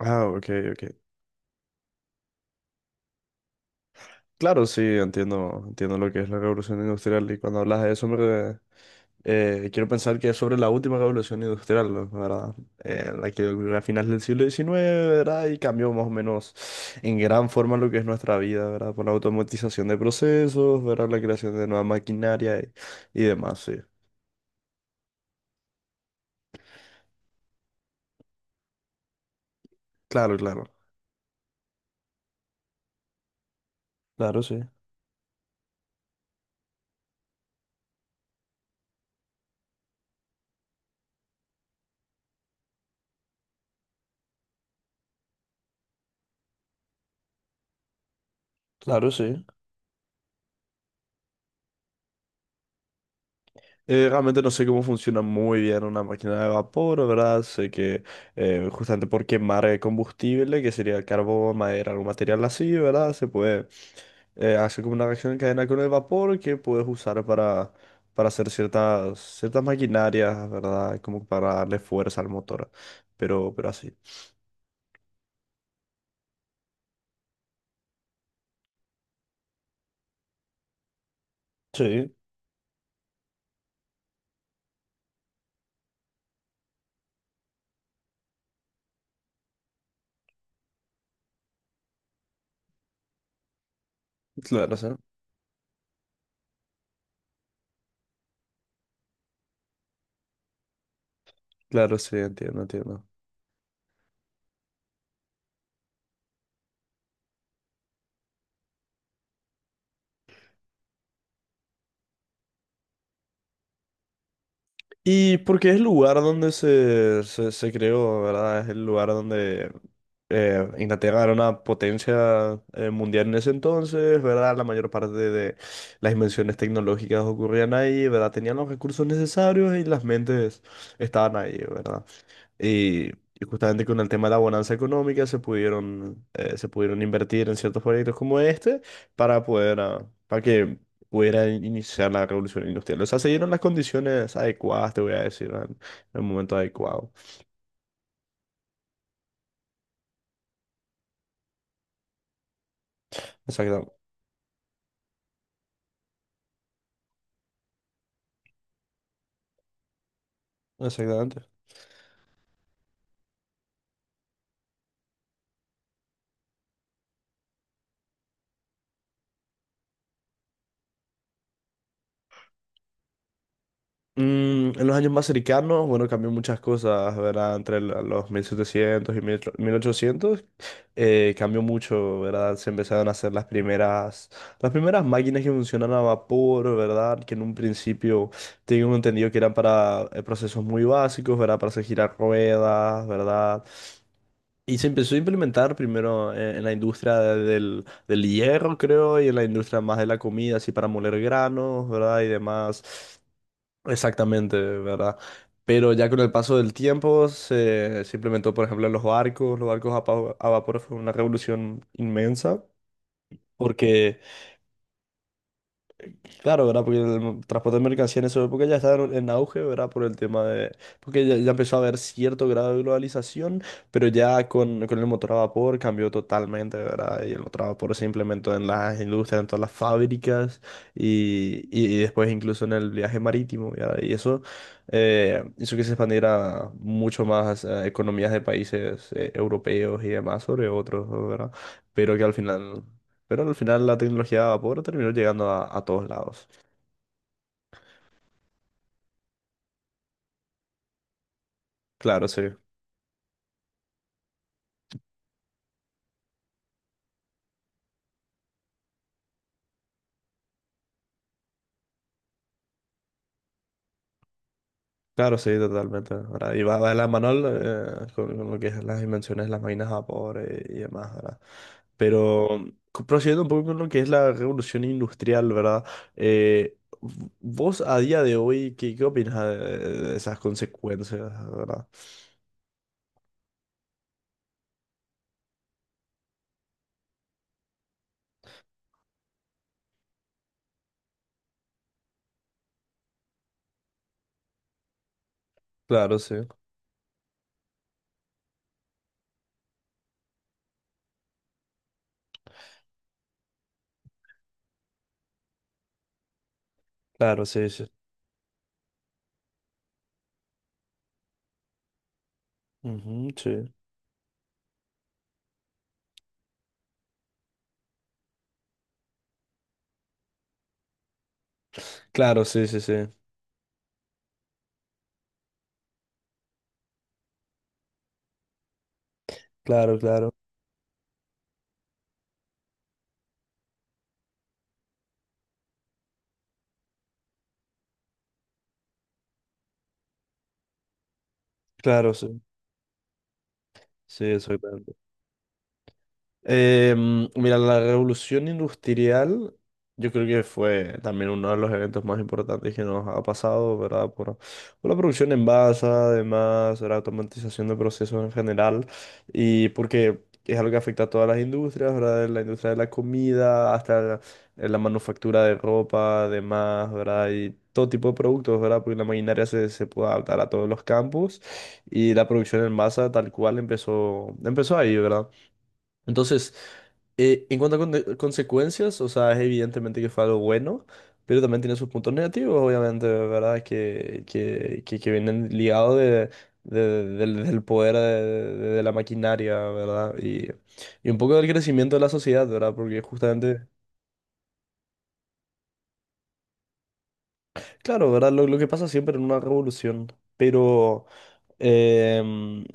Ah, ok, ok. Claro, sí, entiendo, entiendo lo que es la revolución industrial y cuando hablas de eso, me, quiero pensar que es sobre la última revolución industrial, ¿no? ¿Verdad? La que ocurrió a finales del siglo diecinueve, ¿verdad? Y cambió más o menos en gran forma lo que es nuestra vida, ¿verdad? Por la automatización de procesos, ¿verdad? La creación de nueva maquinaria y demás, sí. Claro, claro. Claro, sí. Claro, sí. Realmente no sé cómo funciona muy bien una máquina de vapor, ¿verdad? Sé que justamente por quemar combustible, que sería carbón, madera, algún material así, ¿verdad? Se puede hacer como una reacción en cadena con el vapor que puedes usar para hacer ciertas maquinarias, ¿verdad? Como para darle fuerza al motor, pero así. Sí, claro, sí. Claro, sí, entiendo, entiendo. Y porque es el lugar donde se creó, ¿verdad? Es el lugar donde Inglaterra era una potencia mundial en ese entonces, ¿verdad? La mayor parte de las invenciones tecnológicas ocurrían ahí, ¿verdad? Tenían los recursos necesarios y las mentes estaban ahí, ¿verdad? Y justamente con el tema de la bonanza económica se pudieron invertir en ciertos proyectos como este para poder, para que pudiera iniciar la revolución industrial. O sea, se dieron las condiciones adecuadas, te voy a decir, en el momento adecuado. Exactamente. Exactamente. Mm, en los años más cercanos, bueno, cambió muchas cosas, ¿verdad? Los 1700 y 1800, cambió mucho, ¿verdad? Se empezaron a hacer las las primeras máquinas que funcionan a vapor, ¿verdad? Que en un principio tengo entendido que eran para procesos muy básicos, ¿verdad? Para hacer girar ruedas, ¿verdad? Y se empezó a implementar primero en la industria del hierro, creo, y en la industria más de la comida, así para moler granos, ¿verdad? Y demás. Exactamente, ¿verdad? Pero ya con el paso del tiempo se implementó, por ejemplo, en los barcos. Los barcos a vapor fue una revolución inmensa porque claro, ¿verdad? Porque el transporte de mercancías en esa época ya estaba en auge, ¿verdad? Por el tema de... Porque ya empezó a haber cierto grado de globalización, pero ya con el motor a vapor cambió totalmente, ¿verdad? Y el motor a vapor se implementó en las industrias, en todas las fábricas y después incluso en el viaje marítimo, ¿verdad? Y eso hizo que se expandiera mucho más a economías de países europeos y demás sobre otros, ¿verdad? Pero que al final... Pero al final la tecnología de vapor terminó llegando a todos lados. Claro, sí, claro, sí, totalmente. Ahora, y va, va de la mano con lo que es las invenciones de las máquinas a vapor y demás, ¿verdad? Pero mm, prosiguiendo un poco con lo que es la revolución industrial, ¿verdad? Vos a día de hoy, ¿qué, qué opinas de esas consecuencias, ¿verdad? Claro, sí, claro, sí, sí. Ujú, sí. Claro, sí, sí, sí. Claro, claro, claro, sí. Sí, eso. Em, mira, la revolución industrial yo creo que fue también uno de los eventos más importantes que nos ha pasado, ¿verdad? Por la producción en masa, además, la automatización de procesos en general, y porque es algo que afecta a todas las industrias, ¿verdad? De la industria de la comida, hasta la manufactura de ropa, además, ¿verdad? Y todo tipo de productos, ¿verdad? Porque la maquinaria se puede adaptar a todos los campos y la producción en masa tal cual empezó, empezó ahí, ¿verdad? Entonces, en cuanto a consecuencias, o sea, es evidentemente que fue algo bueno, pero también tiene sus puntos negativos, obviamente, ¿verdad? Que vienen ligados de, del poder de, de la maquinaria, ¿verdad? Y un poco del crecimiento de la sociedad, ¿verdad? Porque justamente, claro, ¿verdad? Lo que pasa siempre en una revolución, pero... Em,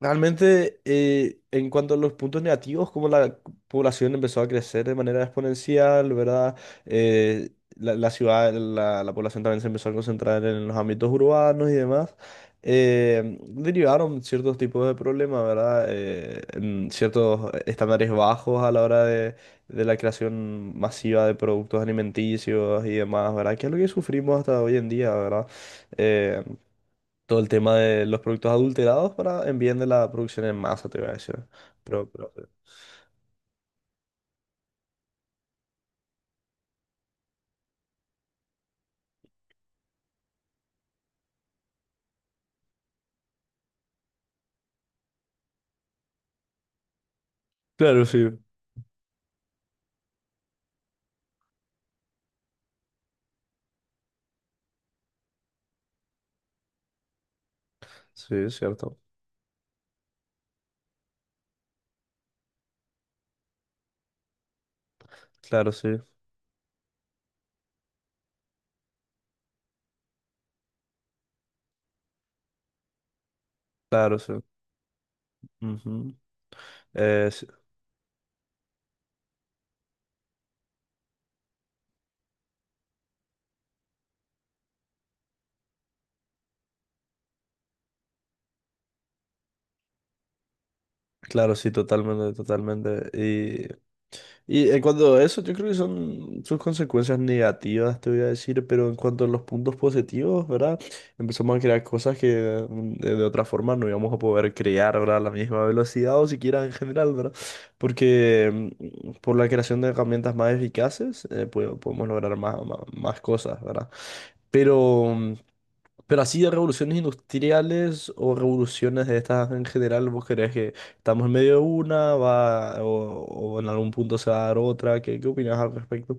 realmente, en cuanto a los puntos negativos, como la población empezó a crecer de manera exponencial, ¿verdad? Eh, la ciudad, la población también se empezó a concentrar en los ámbitos urbanos y demás. Em, derivaron ciertos tipos de problemas, ¿verdad? En ciertos estándares bajos a la hora de la creación masiva de productos alimenticios y demás, ¿verdad? Que es lo que sufrimos hasta hoy en día, ¿verdad? eh, Todo el tema de los productos adulterados para en bien de la producción en masa, te voy a decir. Pero sí. Claro, sí. Sí, es cierto. Claro, sí. Claro, sí. Ujú. Eh, Claro, sí, totalmente, totalmente. Y en cuanto a eso, yo creo que son sus consecuencias negativas, te voy a decir, pero en cuanto a los puntos positivos, ¿verdad? Empezamos a crear cosas que mm, de otra forma no íbamos a poder crear, ¿verdad? A la misma velocidad o siquiera en general, ¿verdad? Porque mm, por la creación de herramientas más eficaces, podemos lograr más, más cosas, ¿verdad? Pero... mm, pero así de revoluciones industriales o revoluciones de estas en general, ¿vos crees que estamos en medio de una, va, o en algún punto se va a dar otra? ¿Qué, qué opinás al respecto?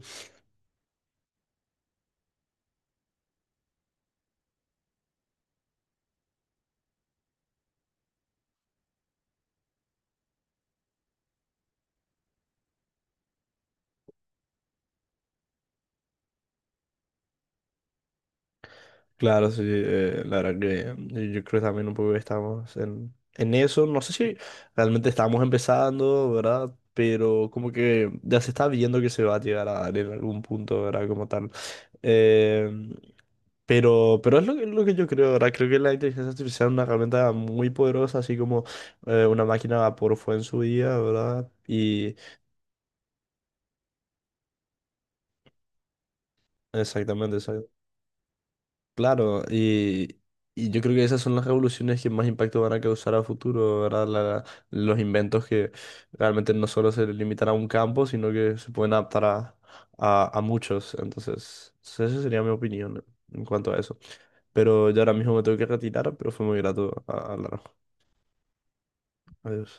Claro, sí, la verdad que yo creo también un poco que estamos en eso. No sé si realmente estamos empezando, ¿verdad? Pero como que ya se está viendo que se va a llegar a dar en algún punto, ¿verdad? Como tal. Eh, pero es lo que yo creo, ¿verdad? Creo que la inteligencia artificial es una herramienta muy poderosa, así como una máquina a vapor fue en su día, ¿verdad? Y exactamente, exactamente. Claro, y yo creo que esas son las revoluciones que más impacto van a causar a futuro, ¿verdad? Los inventos que realmente no solo se limitan a un campo, sino que se pueden adaptar a muchos. Entonces, esa sería mi opinión en cuanto a eso. Pero yo ahora mismo me tengo que retirar, pero fue muy grato hablar. Adiós.